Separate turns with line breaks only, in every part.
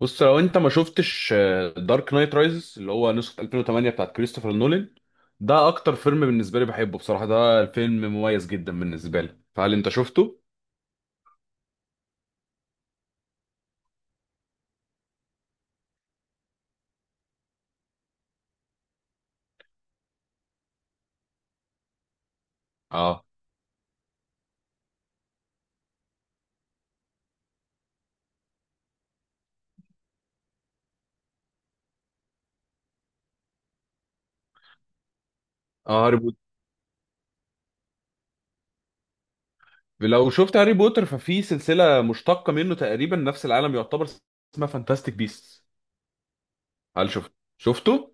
بص لو انت ما شفتش دارك نايت رايزز اللي هو نسخة 2008 بتاعت كريستوفر نولان. ده اكتر فيلم بالنسبة لي بحبه، بصراحة ده الفيلم مميز جدا بالنسبة لي، فهل انت شفته؟ اه. اه، هاري بوتر. لو شفت هاري بوتر ففي سلسلة مشتقة منه تقريبا نفس العالم يعتبر، اسمها فانتاستيك بيست. هل شفته؟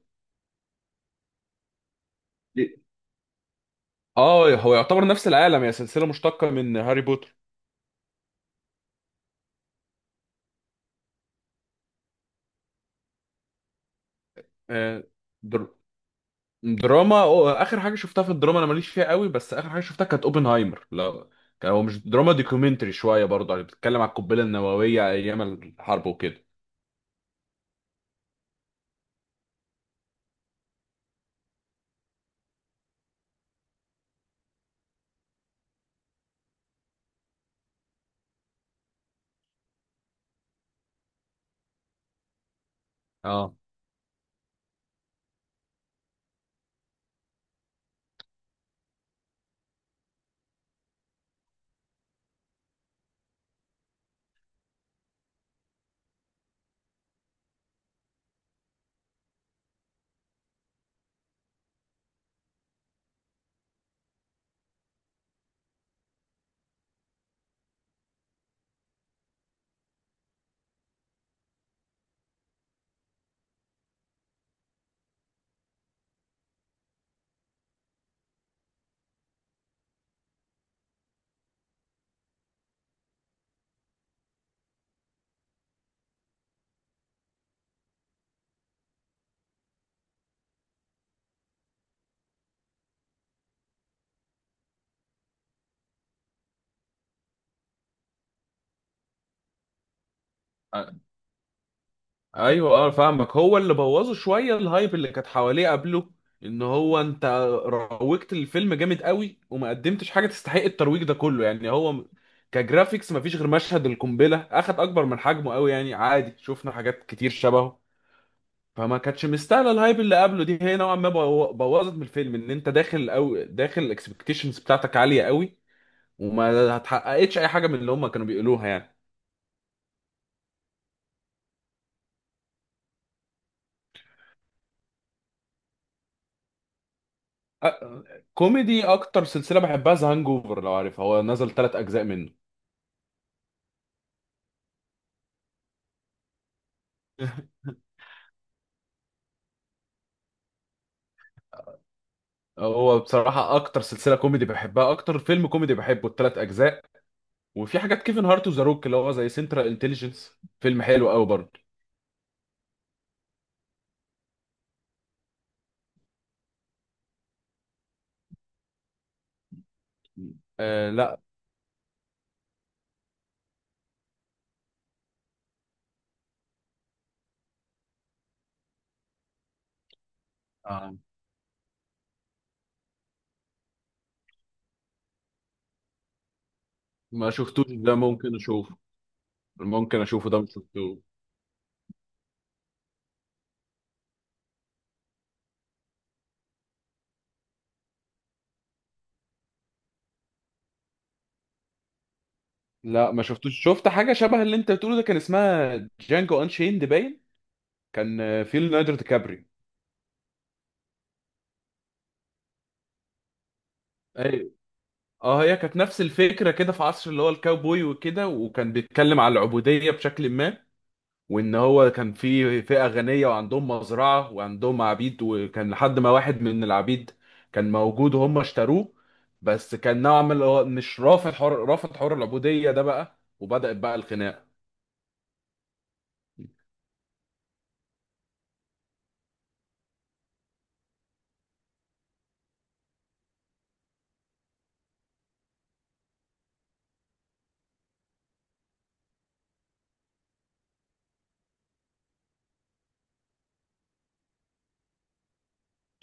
اه، هو يعتبر نفس العالم، هي سلسلة مشتقة من هاري بوتر. آه، در- دراما اخر حاجه شفتها في الدراما انا ماليش فيها قوي، بس اخر حاجه شفتها كانت اوبنهايمر. لا، كان هو مش دراما، دوكيومنتري شويه برضه، يعني بتتكلم على القنبله النوويه ايام الحرب وكده. اه. أ- ايوه، اه فاهمك، هو اللي بوظه شويه الهايب اللي كانت حواليه قبله. ان هو انت روجت الفيلم جامد قوي وما قدمتش حاجه تستحق الترويج ده كله، يعني هو كجرافيكس مفيش غير مشهد القنبله اخد اكبر من حجمه قوي، يعني عادي شفنا حاجات كتير شبهه. فما كانتش مستاهله الهايب اللي قبله دي، هي نوعا ما بوظت من الفيلم ان انت داخل او داخل الاكسبكتيشنز بتاعتك عاليه قوي، وما هتحققتش اي حاجه من اللي هم كانوا بيقولوها يعني. أ- كوميدي، اكتر سلسله بحبها ذا هانج اوفر، لو عارفها هو نزل 3 اجزاء منه. هو بصراحه اكتر سلسله كوميدي بحبها، اكتر فيلم كوميدي بحبه ال3 اجزاء. وفي حاجات كيفن هارت وذا روك اللي هو زي سنترال انتليجنس، فيلم حلو قوي برضه. آه لا. آه ما شفتوش ده، ممكن اشوفه. ممكن اشوفه ده، مش شفته. لا ما شفتوش، شفت حاجه شبه اللي انت بتقوله ده، كان اسمها جانجو انشيند باين. كان في ليوناردو دي كابري. ايوه. اه، هي كانت نفس الفكره كده، في عصر اللي هو الكاوبوي وكده، وكان بيتكلم على العبوديه بشكل ما. وان هو كان في فئه غنيه وعندهم مزرعه وعندهم عبيد، وكان لحد ما واحد من العبيد كان موجود وهم اشتروه. بس كان نوعا ما اللي هو مش رافض حر، رافض حر العبوديه ده بقى، وبدأت بقى الخناقه.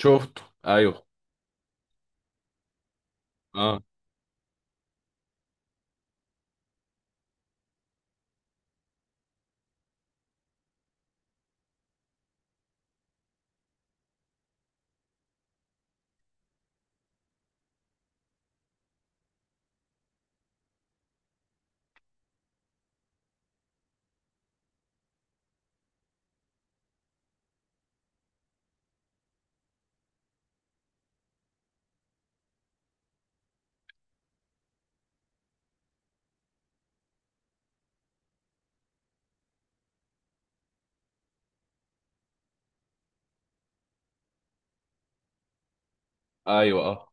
شفته، ايوه. اه. ايوه. آه.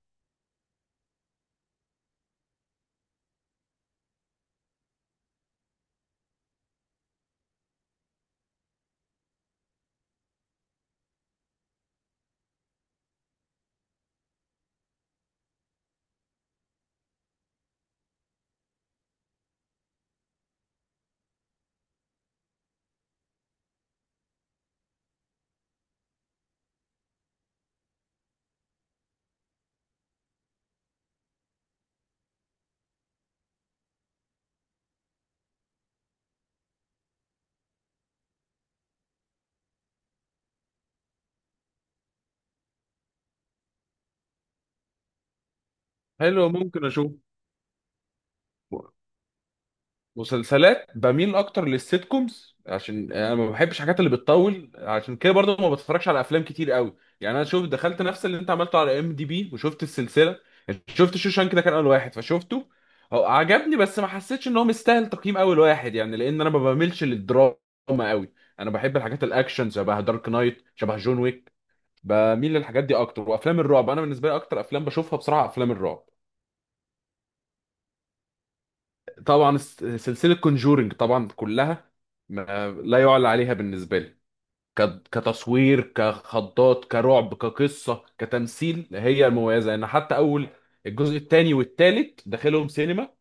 حلو، ممكن اشوف. مسلسلات بميل اكتر للسيت كومز، عشان انا ما بحبش الحاجات اللي بتطول، عشان كده برضه ما بتفرجش على افلام كتير قوي. يعني انا شوف دخلت نفس اللي انت عملته على ام دي بي وشفت السلسله، شفت شوشانك ده كان اول واحد فشفته. هو عجبني بس ما حسيتش ان هو مستاهل تقييم اول واحد، يعني لان انا ما بميلش للدراما قوي. انا بحب الحاجات الاكشن شبه دارك نايت، شبه جون ويك، بميل للحاجات دي اكتر. وافلام الرعب انا بالنسبه لي اكتر افلام بشوفها بصراحه افلام الرعب. طبعا سلسلة كونجورينج طبعا كلها ما لا يعلى عليها بالنسبة لي. كتصوير، كخضات، كرعب، كقصة، كتمثيل هي المميزة، ان حتى اول الجزء الثاني والثالث داخلهم سينما،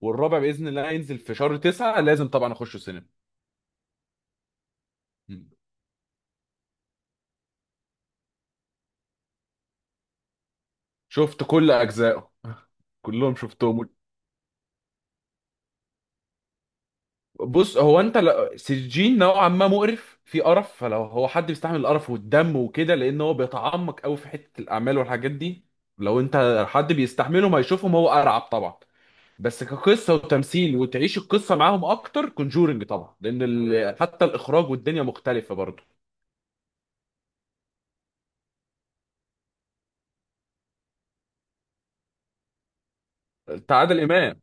والرابع بإذن الله هينزل في شهر 9، لازم طبعا اخش سينما. مم. شفت كل اجزائه. كلهم شفتهم. بص، هو انت سجين نوعا ما مقرف، في قرف، فلو هو حد بيستحمل القرف والدم وكده، لان هو بيتعمق قوي في حته الاعمال والحاجات دي. لو انت حد بيستحملهم هيشوفهم هو ارعب طبعا. بس كقصه وتمثيل وتعيش القصه معاهم اكتر كونجورنج طبعا، لان ال... حتى الاخراج والدنيا مختلفه برضه. بتاع عادل امام.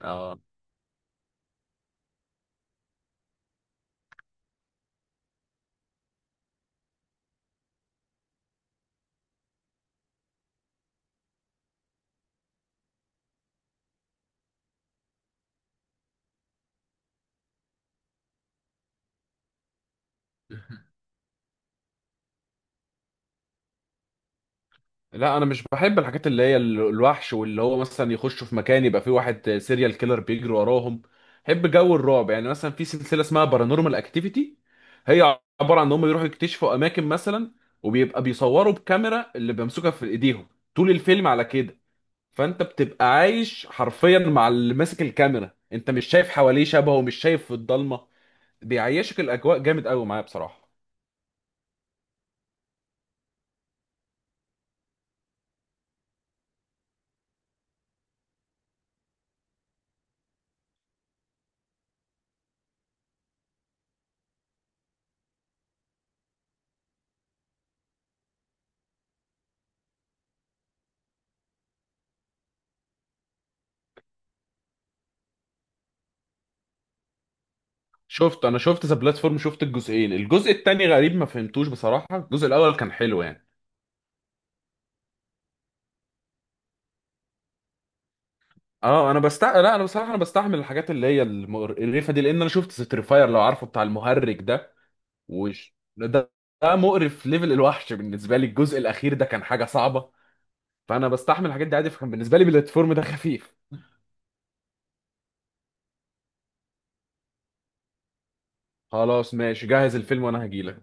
اه لا، انا مش بحب الحاجات اللي هي الوحش، واللي هو مثلا يخشوا في مكان يبقى فيه واحد سيريال كيلر بيجري وراهم. بحب جو الرعب، يعني مثلا في سلسله اسمها بارانورمال اكتيفيتي، هي عباره عن ان هم يروحوا يكتشفوا اماكن مثلا، وبيبقى بيصوروا بكاميرا اللي بيمسكها في ايديهم طول الفيلم على كده. فانت بتبقى عايش حرفيا مع اللي ماسك الكاميرا، انت مش شايف حواليه شبهه ومش شايف في الضلمه. بيعيشك الاجواء جامد قوي معايا بصراحه. شفت، انا شفت ذا بلاتفورم، شفت الجزئين، الجزء التاني غريب ما فهمتوش بصراحه، الجزء الاول كان حلو يعني. اه انا لا، انا بصراحه انا بستحمل الحاجات اللي هي المقرفه دي، لان انا شفت ستريفاير لو عارفه بتاع المهرج ده. وش ده؟ ده مقرف ليفل الوحش بالنسبه لي، الجزء الاخير ده كان حاجه صعبه. فانا بستحمل الحاجات دي عادي، فكان بالنسبه لي بلاتفورم ده خفيف. خلاص ماشي، جهز الفيلم وانا هجيلك.